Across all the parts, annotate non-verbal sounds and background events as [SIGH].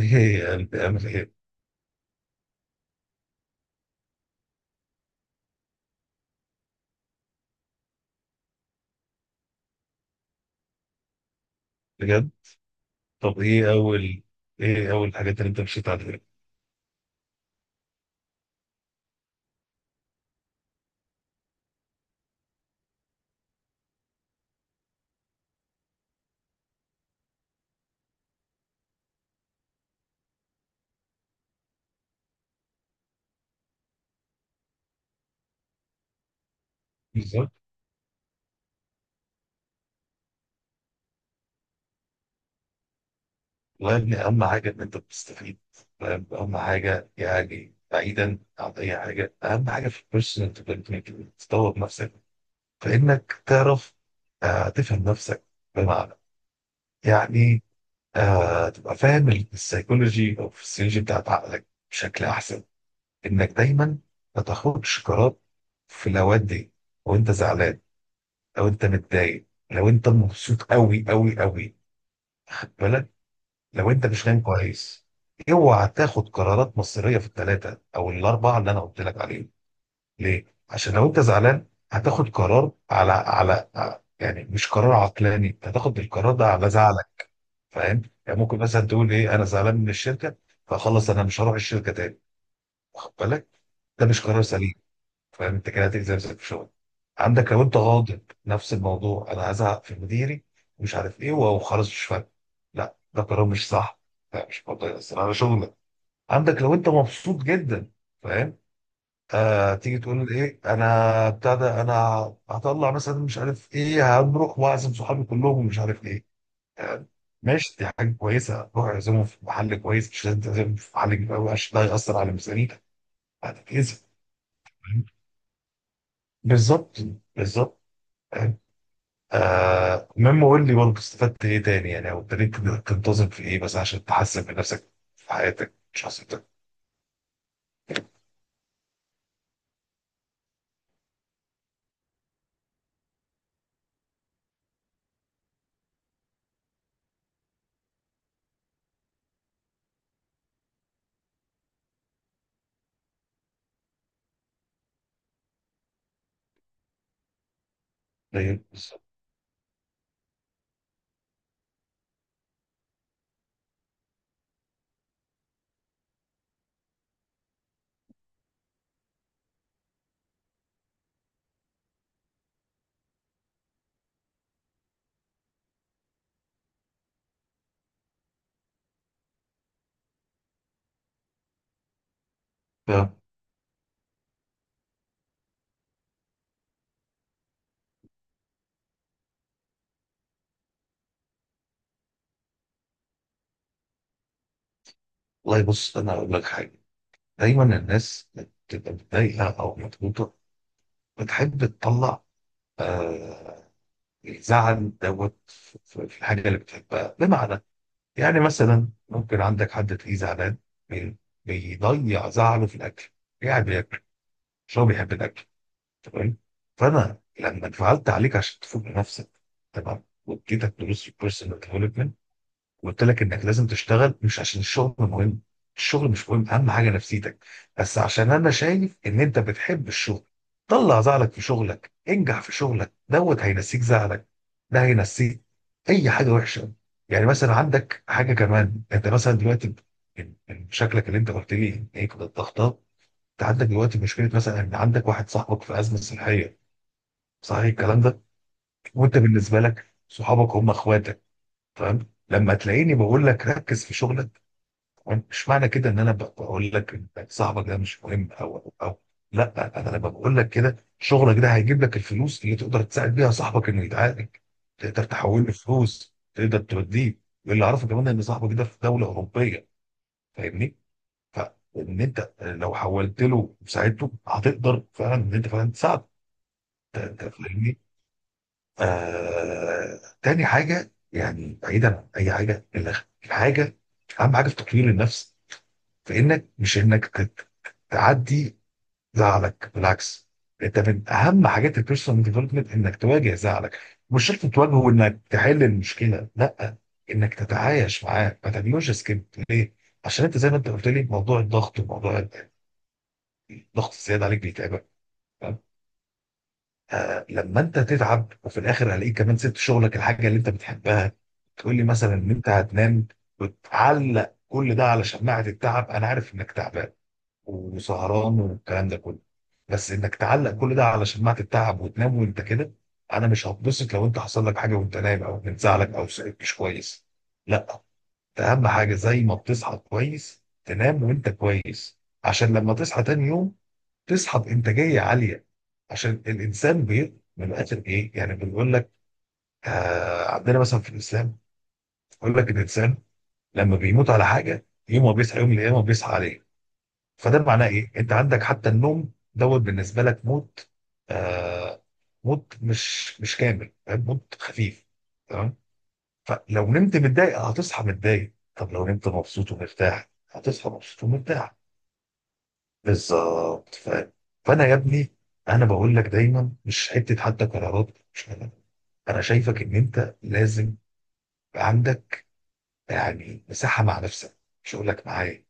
ايه يعني بتعمل ايه؟ بجد؟ طب ايه اول الحاجات اللي انت مشيت عليها؟ بالظبط. والله يا ابني، اهم حاجه ان انت بتستفيد. فاهم؟ اهم حاجه يعني بعيدا عن اي حاجه، اهم حاجه في البيرسونال ديفلوبمنت، تطور نفسك، فانك تعرف، تفهم نفسك. بمعنى، يعني، تبقى فاهم السيكولوجي او الفسيولوجي بتاعت عقلك بشكل احسن. انك دايما ما تاخدش قرار في الاوقات دي وانت زعلان، لو انت متضايق، لو انت مبسوط قوي قوي قوي، خد بالك. لو انت مش نايم كويس، اوعى تاخد قرارات مصيريه في الثلاثه او الاربعه اللي انا قلت لك عليهم. ليه؟ عشان لو انت زعلان هتاخد قرار على، يعني مش قرار عقلاني، انت هتاخد القرار ده على زعلك. فاهم؟ يعني ممكن مثلا تقول ايه، انا زعلان من الشركه فخلص انا مش هروح الشركه تاني. واخد بالك؟ ده مش قرار سليم. فانت كده هتجزي نفسك في شغل. عندك لو انت غاضب نفس الموضوع، انا هزعق في مديري مش عارف ايه وهو خلاص مش فارق. لا، ده قرار مش صح، لا، مش برضه هيأثر على شغلك. عندك لو انت مبسوط جدا، فاهم، تيجي تقول ايه، انا بتاع ده انا هطلع مثلا مش عارف ايه، هنروح واعزم صحابي كلهم مش عارف ايه، آه. ماشي، دي حاجه كويسه، روح اعزمهم في محل كويس مش لازم تعزمهم في محل كبير قوي عشان ده هيأثر على ميزانيتك، هتتأذي. بالظبط. بالظبط. آه، مما قول لي برضه استفدت ايه تاني، يعني او ابتديت تنتظم في ايه بس عشان تحسن من نفسك في حياتك مش شخصيتك؟ طيب، بالظبط. آه، والله بص، انا اقول لك حاجه. دايما الناس بتبقى متضايقه او مضغوطه بتحب تطلع، آه الزعل دوت في في الحاجه اللي بتحبها. بمعنى، يعني مثلا ممكن عندك حد تلاقيه زعلان بي- بيضيع زعله في الاكل، يعني بياكل، مش هو بيحب الاكل؟ تمام. فانا لما انفعلت عليك عشان تفوق لنفسك، تمام، واديتك دروس في البيرسونال ديفلوبمنت، وقلت لك انك لازم تشتغل، مش عشان الشغل مهم، الشغل مش مهم، اهم حاجه نفسيتك، بس عشان انا شايف ان انت بتحب الشغل. طلع زعلك في شغلك، انجح في شغلك دوت هينسيك زعلك. ده هينسيك اي حاجه وحشه. يعني مثلا عندك حاجه كمان، انت مثلا دلوقتي من شكلك اللي انت قلت لي هيك الضغطات، انت عندك دلوقتي مشكله مثلا ان عندك واحد صاحبك في ازمه صحيه، صحيح الكلام ده؟ وانت بالنسبه لك صحابك هم اخواتك. فاهم لما تلاقيني بقول لك ركز في شغلك، مش معنى كده ان انا بقول لك إن صاحبك ده مش مهم او، لا، انا لما بقول لك كده، شغلك ده هيجيب لك الفلوس اللي تقدر تساعد بيها صاحبك انه يتعالج. تقدر تحول له فلوس، تقدر توديه. واللي اعرفه كمان ان صاحبك ده في دوله اوروبيه، فاهمني، فان انت لو حولت له وساعدته هتقدر فعلا ان انت فعلا تساعده. فاهمني؟ تاني حاجة يعني بعيدا عن أي حاجة، الحاجة أهم حاجة في تطوير النفس، في إنك، مش إنك تعدي زعلك، بالعكس. أنت من أهم حاجات البيرسونال ديفلوبمنت إنك تواجه زعلك. مش شرط تواجهه إنك تحل المشكلة، لا، إنك تتعايش معاه ما تعملوش سكيب. ليه؟ عشان أنت زي ما أنت قلت لي موضوع الضغط، وموضوع الضغط الزيادة عليك بيتعبك. لما انت تتعب وفي الاخر هلاقيك كمان سبت شغلك الحاجه اللي انت بتحبها، تقول لي مثلا ان انت هتنام، وتعلق كل ده على شماعه التعب. انا عارف انك تعبان وسهران والكلام ده كله، بس انك تعلق كل ده على شماعه التعب وتنام وانت كده، انا مش هتبسط لو انت حصل لك حاجه وانت نايم او بتزعلك او صحيت مش كويس. لا، ده اهم حاجه، زي ما بتصحى كويس تنام وانت كويس. عشان لما تصحى تاني يوم، تصحى بانتاجيه عاليه. عشان الانسان من الاخر ايه يعني بنقول لك، عندنا مثلا في الاسلام يقول لك الانسان لما بيموت على حاجه، يوم ما بيصحى يوم القيامه بيصحى عليه. فده معناه ايه؟ انت عندك حتى النوم دوت بالنسبه لك موت، آه موت مش كامل، فاهم؟ موت خفيف، تمام. فلو نمت متضايق هتصحى متضايق، طب لو نمت مبسوط ومرتاح هتصحى مبسوط ومرتاح. بالظبط، فاهم. فانا يا ابني، انا بقول لك دايما، مش حتى قرارات، مش قرارات. انا شايفك ان انت لازم يبقى عندك، يعني، مساحه مع نفسك، مش هقول لك معايا.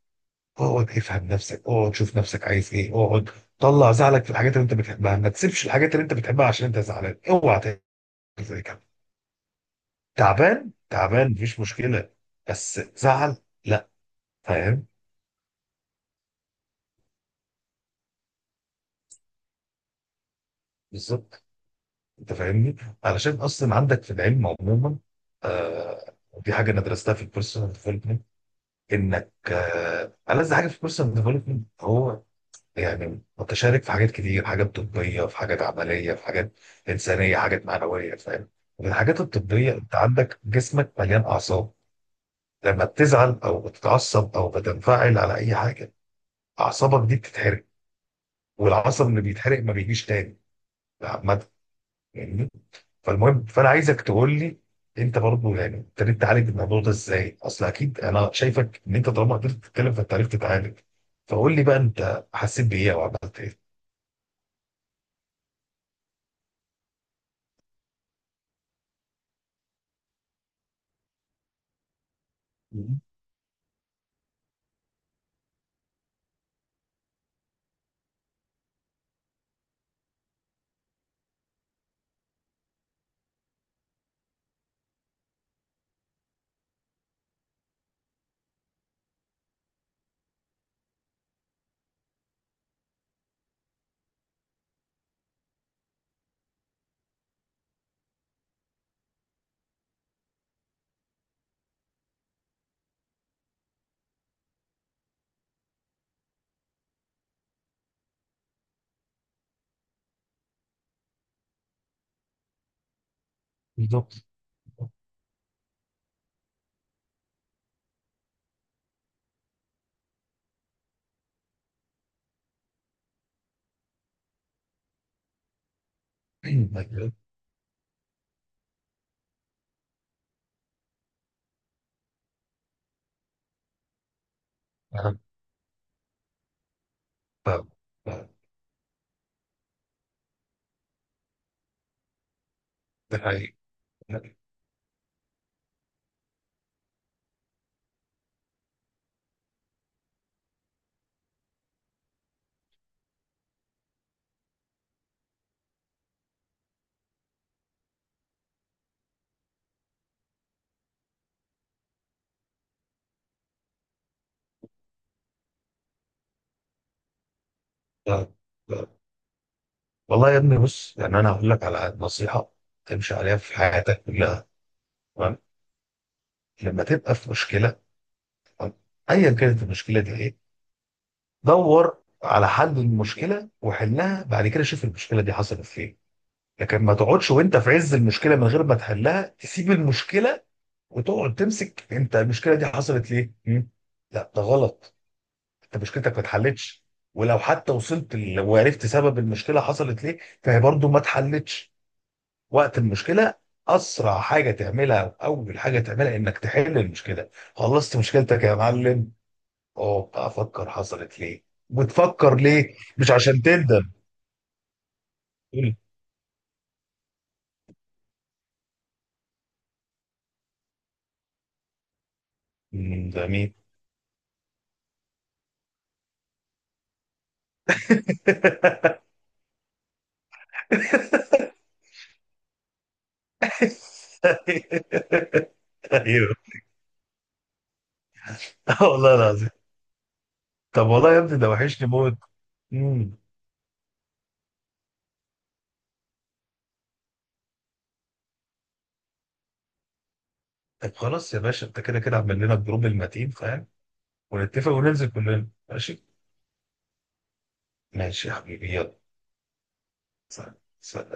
اقعد افهم نفسك، اقعد شوف نفسك عايز ايه، اقعد، طلع زعلك في الحاجات اللي انت بتحبها، ما تسيبش الحاجات اللي انت بتحبها عشان انت زعلان، اوعى تعمل زي كده. تعبان، تعبان مفيش مشكله، بس زعل، لا، فاهم. بالظبط. انت فاهمني؟ علشان اصلا عندك في العلم عموما، ودي حاجه انا درستها في البيرسونال ديفلوبمنت، انك، ألذ حاجه في البيرسونال ديفلوبمنت هو، يعني متشارك في حاجات كتير، حاجات طبيه، في حاجات عمليه، في حاجات انسانيه، حاجات معنويه، فاهم؟ من الحاجات الطبيه، انت عندك جسمك مليان اعصاب، لما بتزعل او بتتعصب او بتنفعل على اي حاجه اعصابك دي بتتحرق، والعصب اللي بيتحرق ما بيجيش تاني، عامه. فالمهم، فانا عايزك تقول لي، انت برضه يعني ابتديت تعالج الموضوع ده ازاي؟ اصل اكيد انا شايفك ان انت طالما قدرت تتكلم فانت عرفت تتعالج. فقول لي بقى، انت حسيت بايه او عملت ايه؟ مم. بالظبط. [CLEARS THROAT] طيب. أنا- ف- ف- ده حقيقي. ف- ف- والله يا ابني بص، يعني انا هقول لك على نصيحه تمشي عليها في حياتك كلها، تمام. لما تبقى في مشكله، تمام؟ ايا كانت المشكله دي ايه، دور على حل المشكله وحلها، بعد كده شوف المشكله دي حصلت فين. لكن ما تقعدش وانت في عز المشكله من غير ما تحلها تسيب المشكله وتقعد تمسك، انت المشكله دي حصلت ليه؟ مم؟ لا، ده غلط، انت مشكلتك ما اتحلتش. ولو حتى وصلت وعرفت سبب المشكله حصلت ليه، فهي برضو ما اتحلتش وقت المشكله. اسرع حاجه تعملها او اول حاجه تعملها انك تحل المشكله. خلصت مشكلتك يا معلم، اه افكر حصلت ليه، وتفكر ليه، مش عشان تندم. تقول، "مم، ده مين [LAUGHS] ايوه. [LAUGHS] اه، والله العظيم. طب، والله يا ابني ده وحشني موت. امم. طب خلاص يا باشا، انت كده كده عمل لنا الجروب المتين، فاهم، ونتفق وننزل كلنا، ماشي. ماشي يا حبيبي، يلا، سلام. سلام.